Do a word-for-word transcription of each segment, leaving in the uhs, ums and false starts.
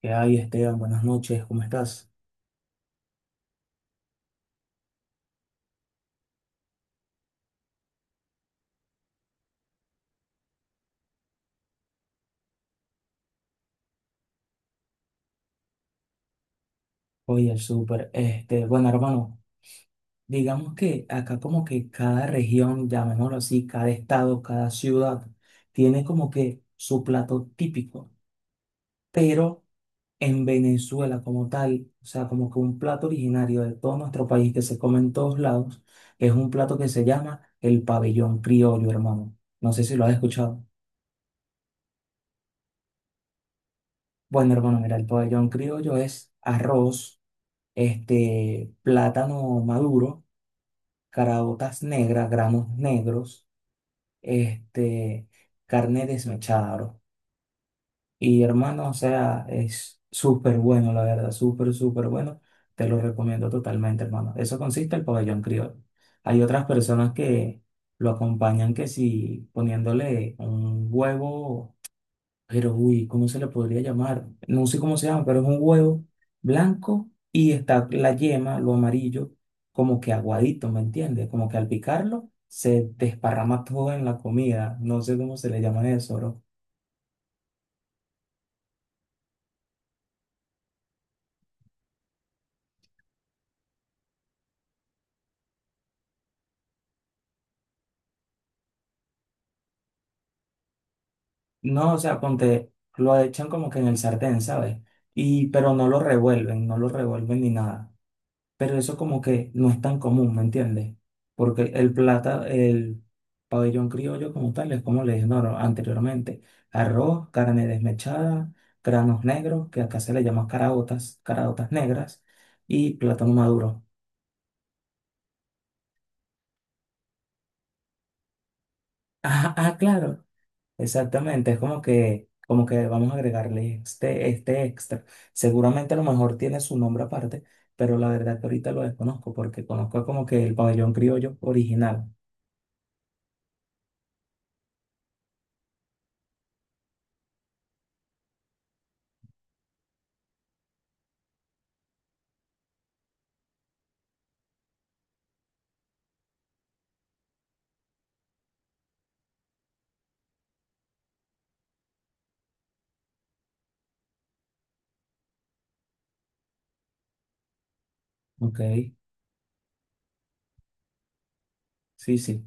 ¿Qué hay, Esteban? Buenas noches, ¿cómo estás? Oye, el súper. Este, bueno, hermano, digamos que acá como que cada región, llamémoslo así, cada estado, cada ciudad, tiene como que su plato típico. Pero en Venezuela como tal, o sea, como que un plato originario de todo nuestro país que se come en todos lados, es un plato que se llama el pabellón criollo, hermano. No sé si lo has escuchado. Bueno, hermano, mira, el pabellón criollo es arroz, este, plátano maduro, caraotas negras, granos negros, este, carne desmechada, bro. Y hermano, o sea, es súper bueno, la verdad, súper, súper bueno. Te lo recomiendo totalmente, hermano. Eso consiste el pabellón criollo. Hay otras personas que lo acompañan que si poniéndole un huevo. Pero, uy, ¿cómo se le podría llamar? No sé cómo se llama, pero es un huevo blanco y está la yema, lo amarillo, como que aguadito, ¿me entiendes? Como que al picarlo se desparrama todo en la comida. No sé cómo se le llama eso, bro. No, o sea, ponte, lo echan como que en el sartén, ¿sabes? Y, pero no lo revuelven, no lo revuelven ni nada. Pero eso como que no es tan común, ¿me entiendes? Porque el plata, el pabellón criollo como tal, es como le dije no, no, anteriormente, arroz, carne desmechada, granos negros, que acá se le llama caraotas, caraotas negras, y plátano maduro. Ah, ah, claro, exactamente, es como que, como que vamos a agregarle este, este extra. Seguramente a lo mejor tiene su nombre aparte, pero la verdad que ahorita lo desconozco porque conozco como que el pabellón criollo original. ¿Ok? Sí, sí.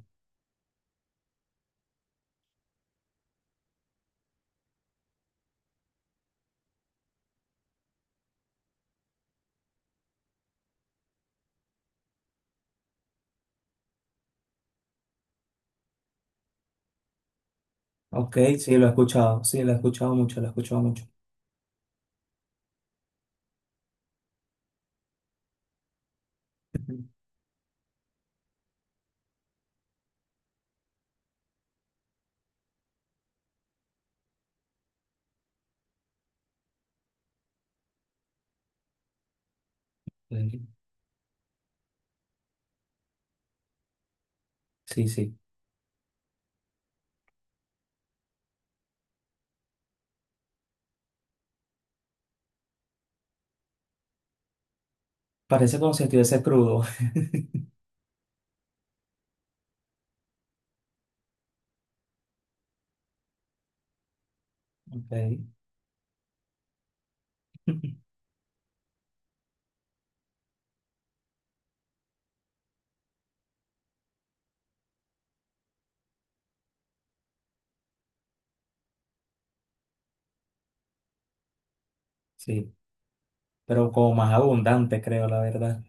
Ok, sí, lo he escuchado, sí, lo he escuchado mucho, lo he escuchado mucho. Sí, sí, sí. Parece como si estuviese crudo. Ok. Sí, pero como más abundante, creo, la verdad.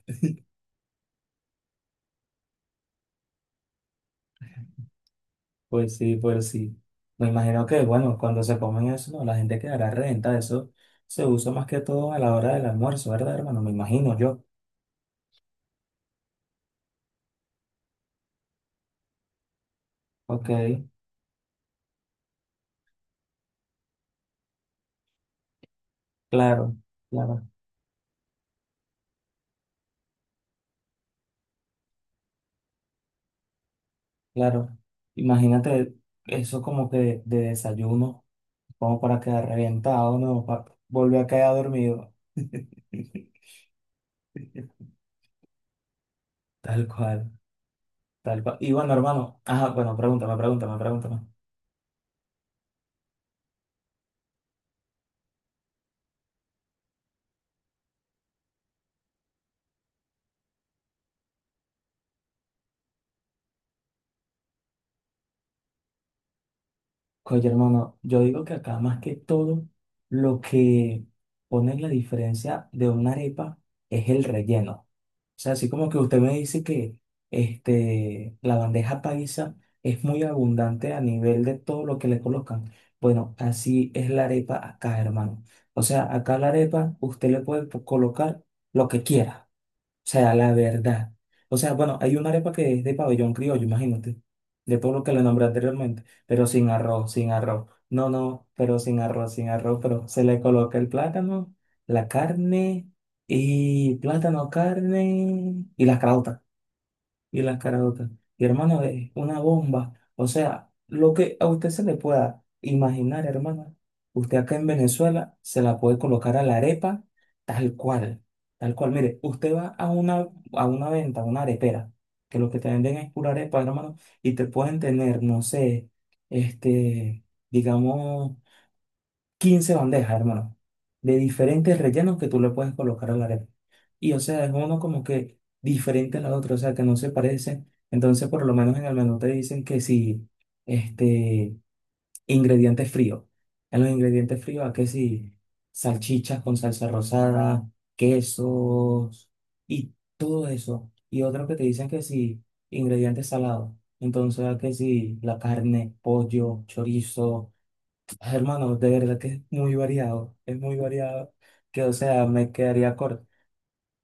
Pues sí, pues sí. Me imagino que, bueno, cuando se comen eso, ¿no? La gente quedará renta. Eso se usa más que todo a la hora del almuerzo, ¿verdad, hermano? Me imagino yo. Ok, claro, claro, claro. Imagínate eso como que de desayuno, como para quedar reventado, ¿no? Pa- volvió a quedar dormido. Tal cual, tal cual. Y bueno, hermano, ajá, bueno, pregúntame, pregúntame, pregúntame. Oye, hermano, yo digo que acá más que todo lo que pone la diferencia de una arepa es el relleno. O sea, así como que usted me dice que este, la bandeja paisa es muy abundante a nivel de todo lo que le colocan. Bueno, así es la arepa acá, hermano. O sea, acá la arepa usted le puede po- colocar lo que quiera sea, la verdad. O sea, bueno, hay una arepa que es de pabellón criollo, imagínate, de todo lo que le nombré anteriormente, pero sin arroz, sin arroz. No, no, pero sin arroz, sin arroz, pero se le coloca el plátano, la carne y plátano, carne y las caraotas y las caraotas. Y hermano, es una bomba. O sea, lo que a usted se le pueda imaginar, hermano, usted acá en Venezuela se la puede colocar a la arepa tal cual. Tal cual. Mire, usted va a una, a una venta, a una arepera, que lo que te venden es pura arepa, hermano, y te pueden tener, no sé, este, digamos quince bandejas, hermano, de diferentes rellenos que tú le puedes colocar a la arepa. Y o sea, es uno como que diferente a la otra, o sea, que no se parecen. Entonces, por lo menos en el menú te dicen que si, este, ingredientes fríos. En los ingredientes fríos, ¿a que si? Salchichas con salsa rosada, quesos y todo eso. Y otro que te dicen que si, ingredientes salados. Entonces, ¿a que si? La carne, pollo, chorizo. Hermano, de verdad que es muy variado, es muy variado, que o sea, me quedaría corto.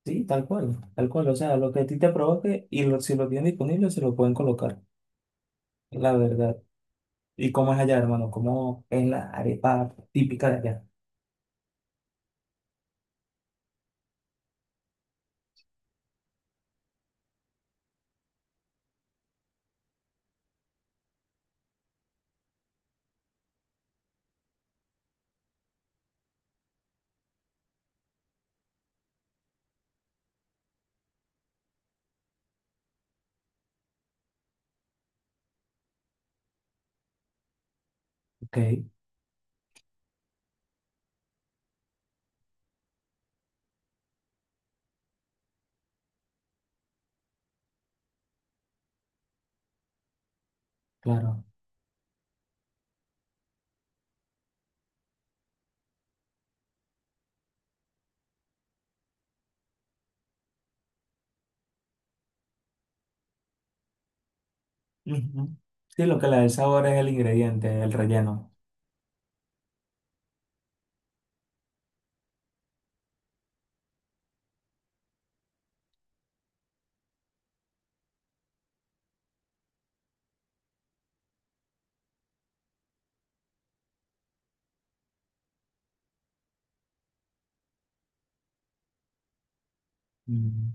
Sí, tal cual, tal cual, o sea, lo que a ti te provoque y lo- si lo tienen disponible se lo pueden colocar, la verdad. ¿Y cómo es allá, hermano? ¿Cómo es la arepa típica de allá? Ok, claro. Ujú. Sí, lo que le da el sabor es el ingrediente, el relleno. Mm.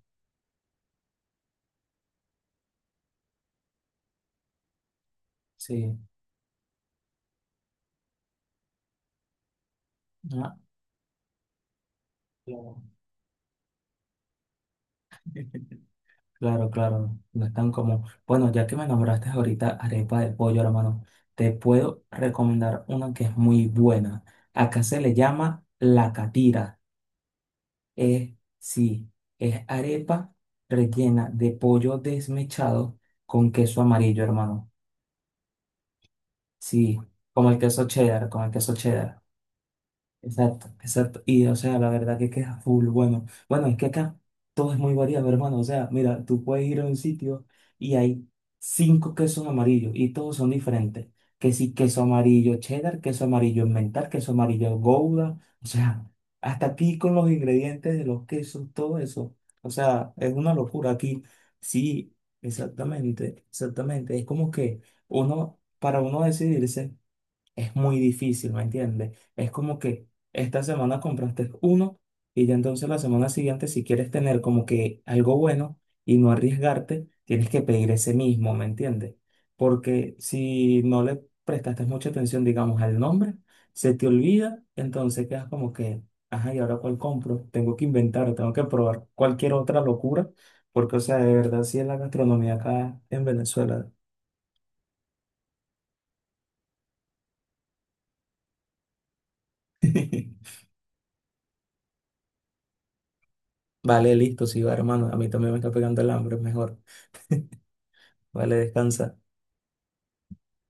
Sí. Ah, claro. Claro, claro, no están como, bueno, ya que me nombraste ahorita arepa de pollo, hermano, te puedo recomendar una que es muy buena. Acá se le llama la catira. Es, sí, es arepa rellena de pollo desmechado con queso amarillo, hermano. Sí, como el queso cheddar, como el queso cheddar. Exacto, exacto. Y o sea, la verdad que, que es full bueno. Bueno, es que acá todo es muy variado, hermano. O sea, mira, tú puedes ir a un sitio y hay cinco quesos amarillos y todos son diferentes. Que sí, queso amarillo cheddar, queso amarillo emmental, queso amarillo gouda. O sea, hasta aquí con los ingredientes de los quesos, todo eso. O sea, es una locura aquí. Sí, exactamente, exactamente. Es como que uno, para uno decidirse es muy difícil, ¿me entiendes? Es como que esta semana compraste uno y ya entonces la semana siguiente, si quieres tener como que algo bueno y no arriesgarte, tienes que pedir ese mismo, ¿me entiendes? Porque si no le prestaste mucha atención, digamos, al nombre, se te olvida, entonces quedas como que, ajá, ¿y ahora cuál compro? Tengo que inventar, tengo que probar cualquier otra locura, porque, o sea, de verdad, sí es la gastronomía acá en Venezuela. Vale, listo, sí, va, hermano. A mí también me está pegando el hambre, mejor. Vale, descansa.